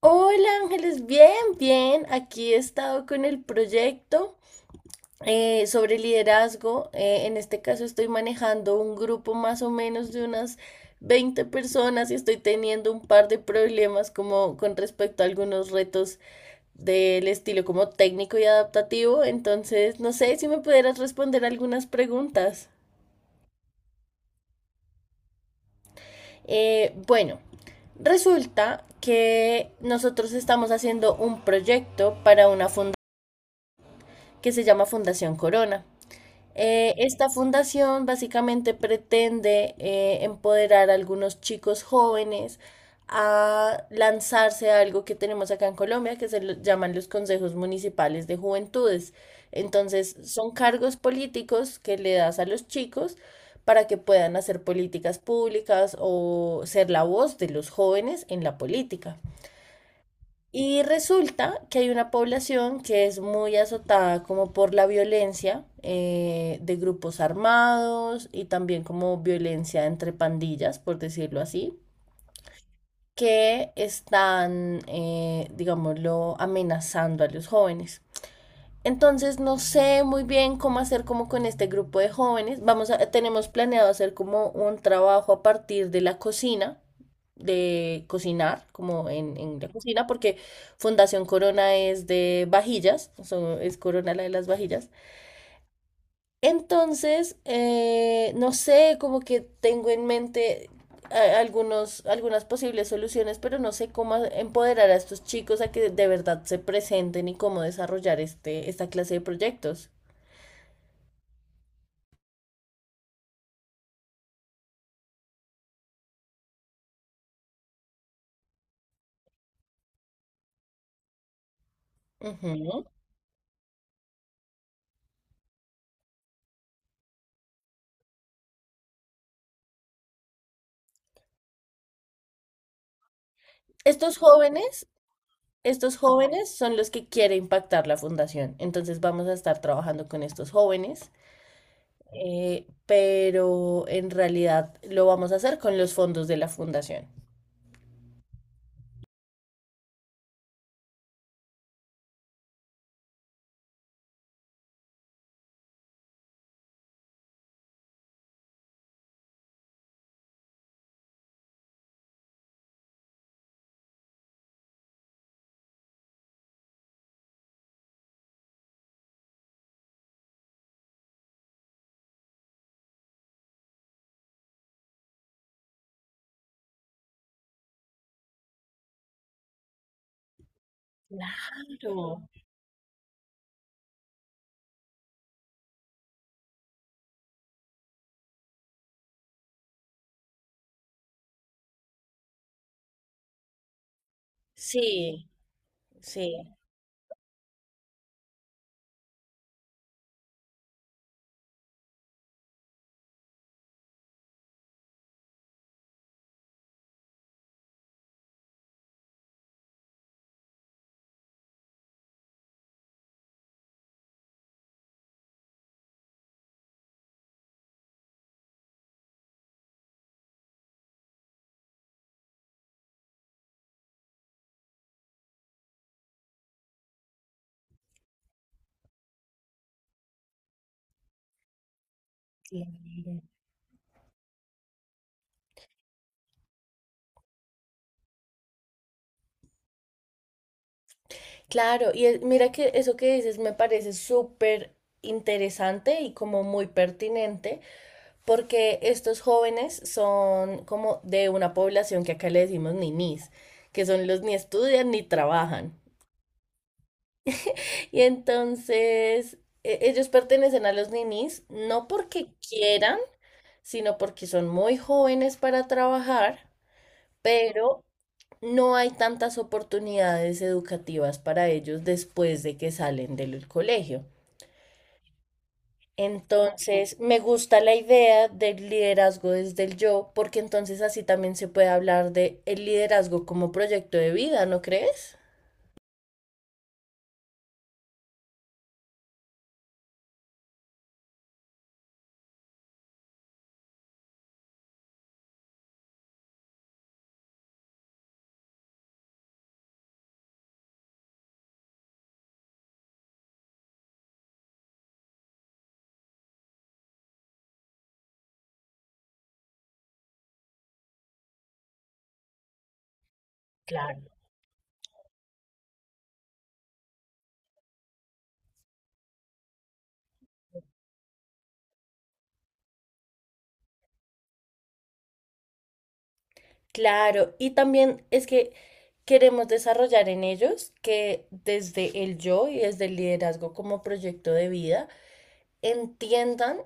Hola Ángeles, bien, bien. Aquí he estado con el proyecto sobre liderazgo. En este caso estoy manejando un grupo más o menos de unas 20 personas y estoy teniendo un par de problemas como con respecto a algunos retos del estilo como técnico y adaptativo. Entonces, no sé si me pudieras responder algunas preguntas. Bueno, resulta que nosotros estamos haciendo un proyecto para una fundación que se llama Fundación Corona. Esta fundación básicamente pretende empoderar a algunos chicos jóvenes a lanzarse a algo que tenemos acá en Colombia que llaman los consejos municipales de juventudes. Entonces, son cargos políticos que le das a los chicos para que puedan hacer políticas públicas o ser la voz de los jóvenes en la política. Y resulta que hay una población que es muy azotada como por la violencia de grupos armados y también como violencia entre pandillas, por decirlo así, que están, digámoslo, amenazando a los jóvenes. Entonces no sé muy bien cómo hacer como con este grupo de jóvenes. Tenemos planeado hacer como un trabajo a partir de la cocina, de cocinar, como en la cocina, porque Fundación Corona es de vajillas, es Corona la de las vajillas. Entonces, no sé, como que tengo en mente algunos, algunas posibles soluciones, pero no sé cómo empoderar a estos chicos a que de verdad se presenten y cómo desarrollar este, esta clase de proyectos. Ujú. Estos jóvenes, estos jóvenes son los que quiere impactar la fundación. Entonces vamos a estar trabajando con estos jóvenes, pero en realidad lo vamos a hacer con los fondos de la fundación. Claro. Sí, sí. Claro, claro, mira que eso que dices me parece súper interesante y como muy pertinente, porque estos jóvenes son como de una población que acá le decimos ninis, que son los ni estudian ni trabajan. Y entonces ellos pertenecen a los ninis no porque quieran, sino porque son muy jóvenes para trabajar, pero no hay tantas oportunidades educativas para ellos después de que salen del colegio. Entonces, me gusta la idea del liderazgo desde el yo, porque entonces así también se puede hablar de el liderazgo como proyecto de vida, ¿no crees? Claro. Claro, y también es que queremos desarrollar en ellos que desde el yo y desde el liderazgo como proyecto de vida entiendan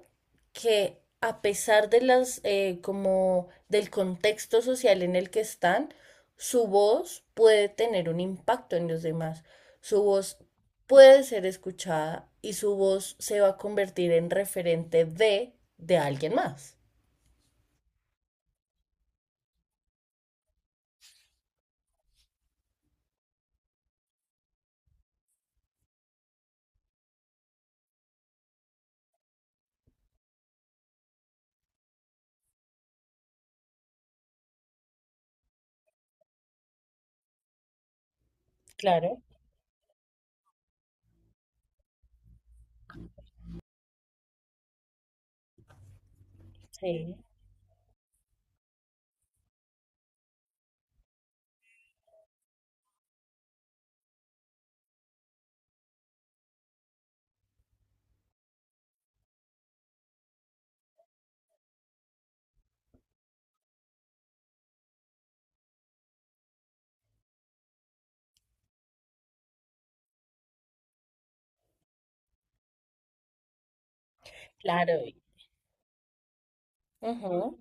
que a pesar de las, como del contexto social en el que están, su voz puede tener un impacto en los demás. Su voz puede ser escuchada y su voz se va a convertir en referente de alguien más. Claro, sí, claro. Ujú.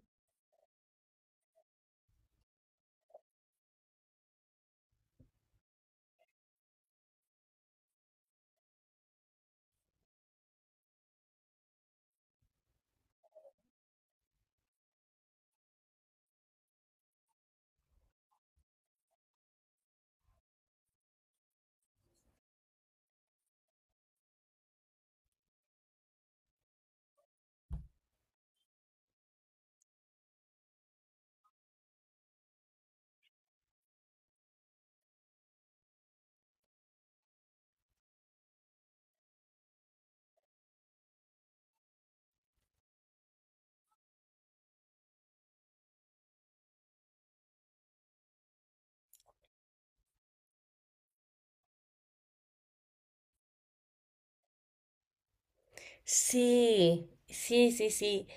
Sí, sí, sí, sí.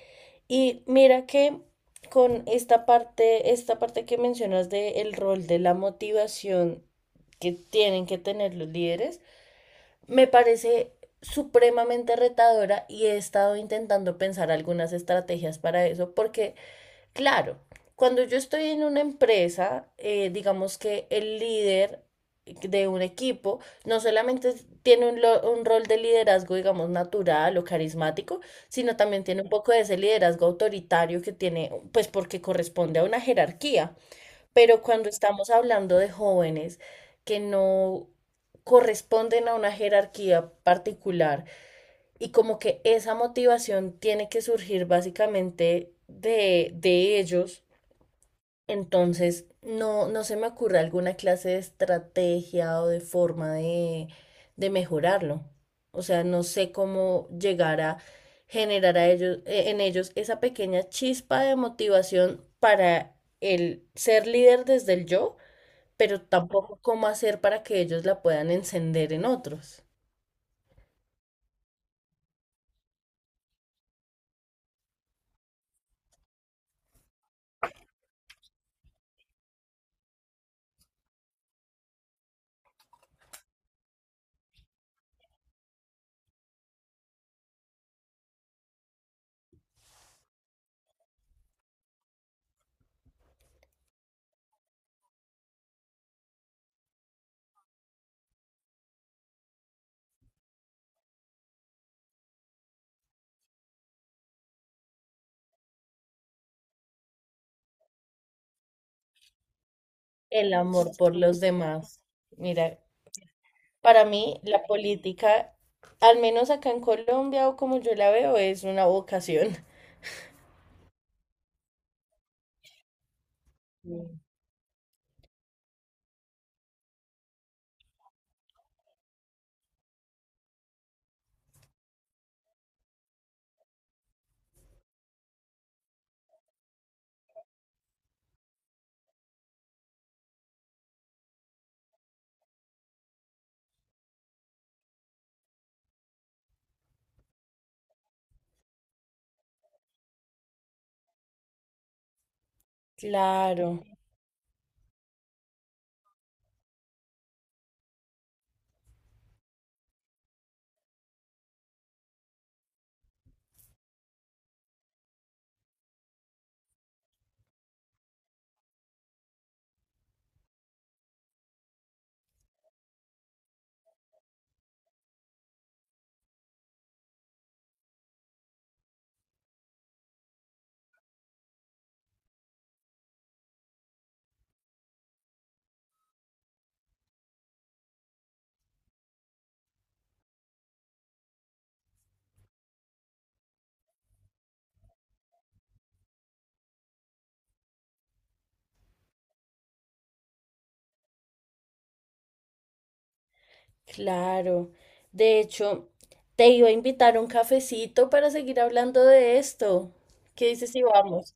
Y mira que con esta parte que mencionas del rol de la motivación que tienen que tener los líderes, me parece supremamente retadora y he estado intentando pensar algunas estrategias para eso, porque claro, cuando yo estoy en una empresa, digamos que el líder de un equipo no solamente tiene un rol de liderazgo, digamos, natural o carismático, sino también tiene un poco de ese liderazgo autoritario que tiene, pues porque corresponde a una jerarquía. Pero cuando estamos hablando de jóvenes que no corresponden a una jerarquía particular y como que esa motivación tiene que surgir básicamente de ellos entonces, no, no se me ocurre alguna clase de estrategia o de forma de mejorarlo. O sea, no sé cómo llegar a generar a ellos, en ellos esa pequeña chispa de motivación para el ser líder desde el yo, pero tampoco cómo hacer para que ellos la puedan encender en otros. El amor por los demás. Mira, para mí la política, al menos acá en Colombia o como yo la veo, es una vocación. Mm. Claro, claro. De hecho, te iba a invitar un cafecito para seguir hablando de esto. ¿Qué dices si vamos?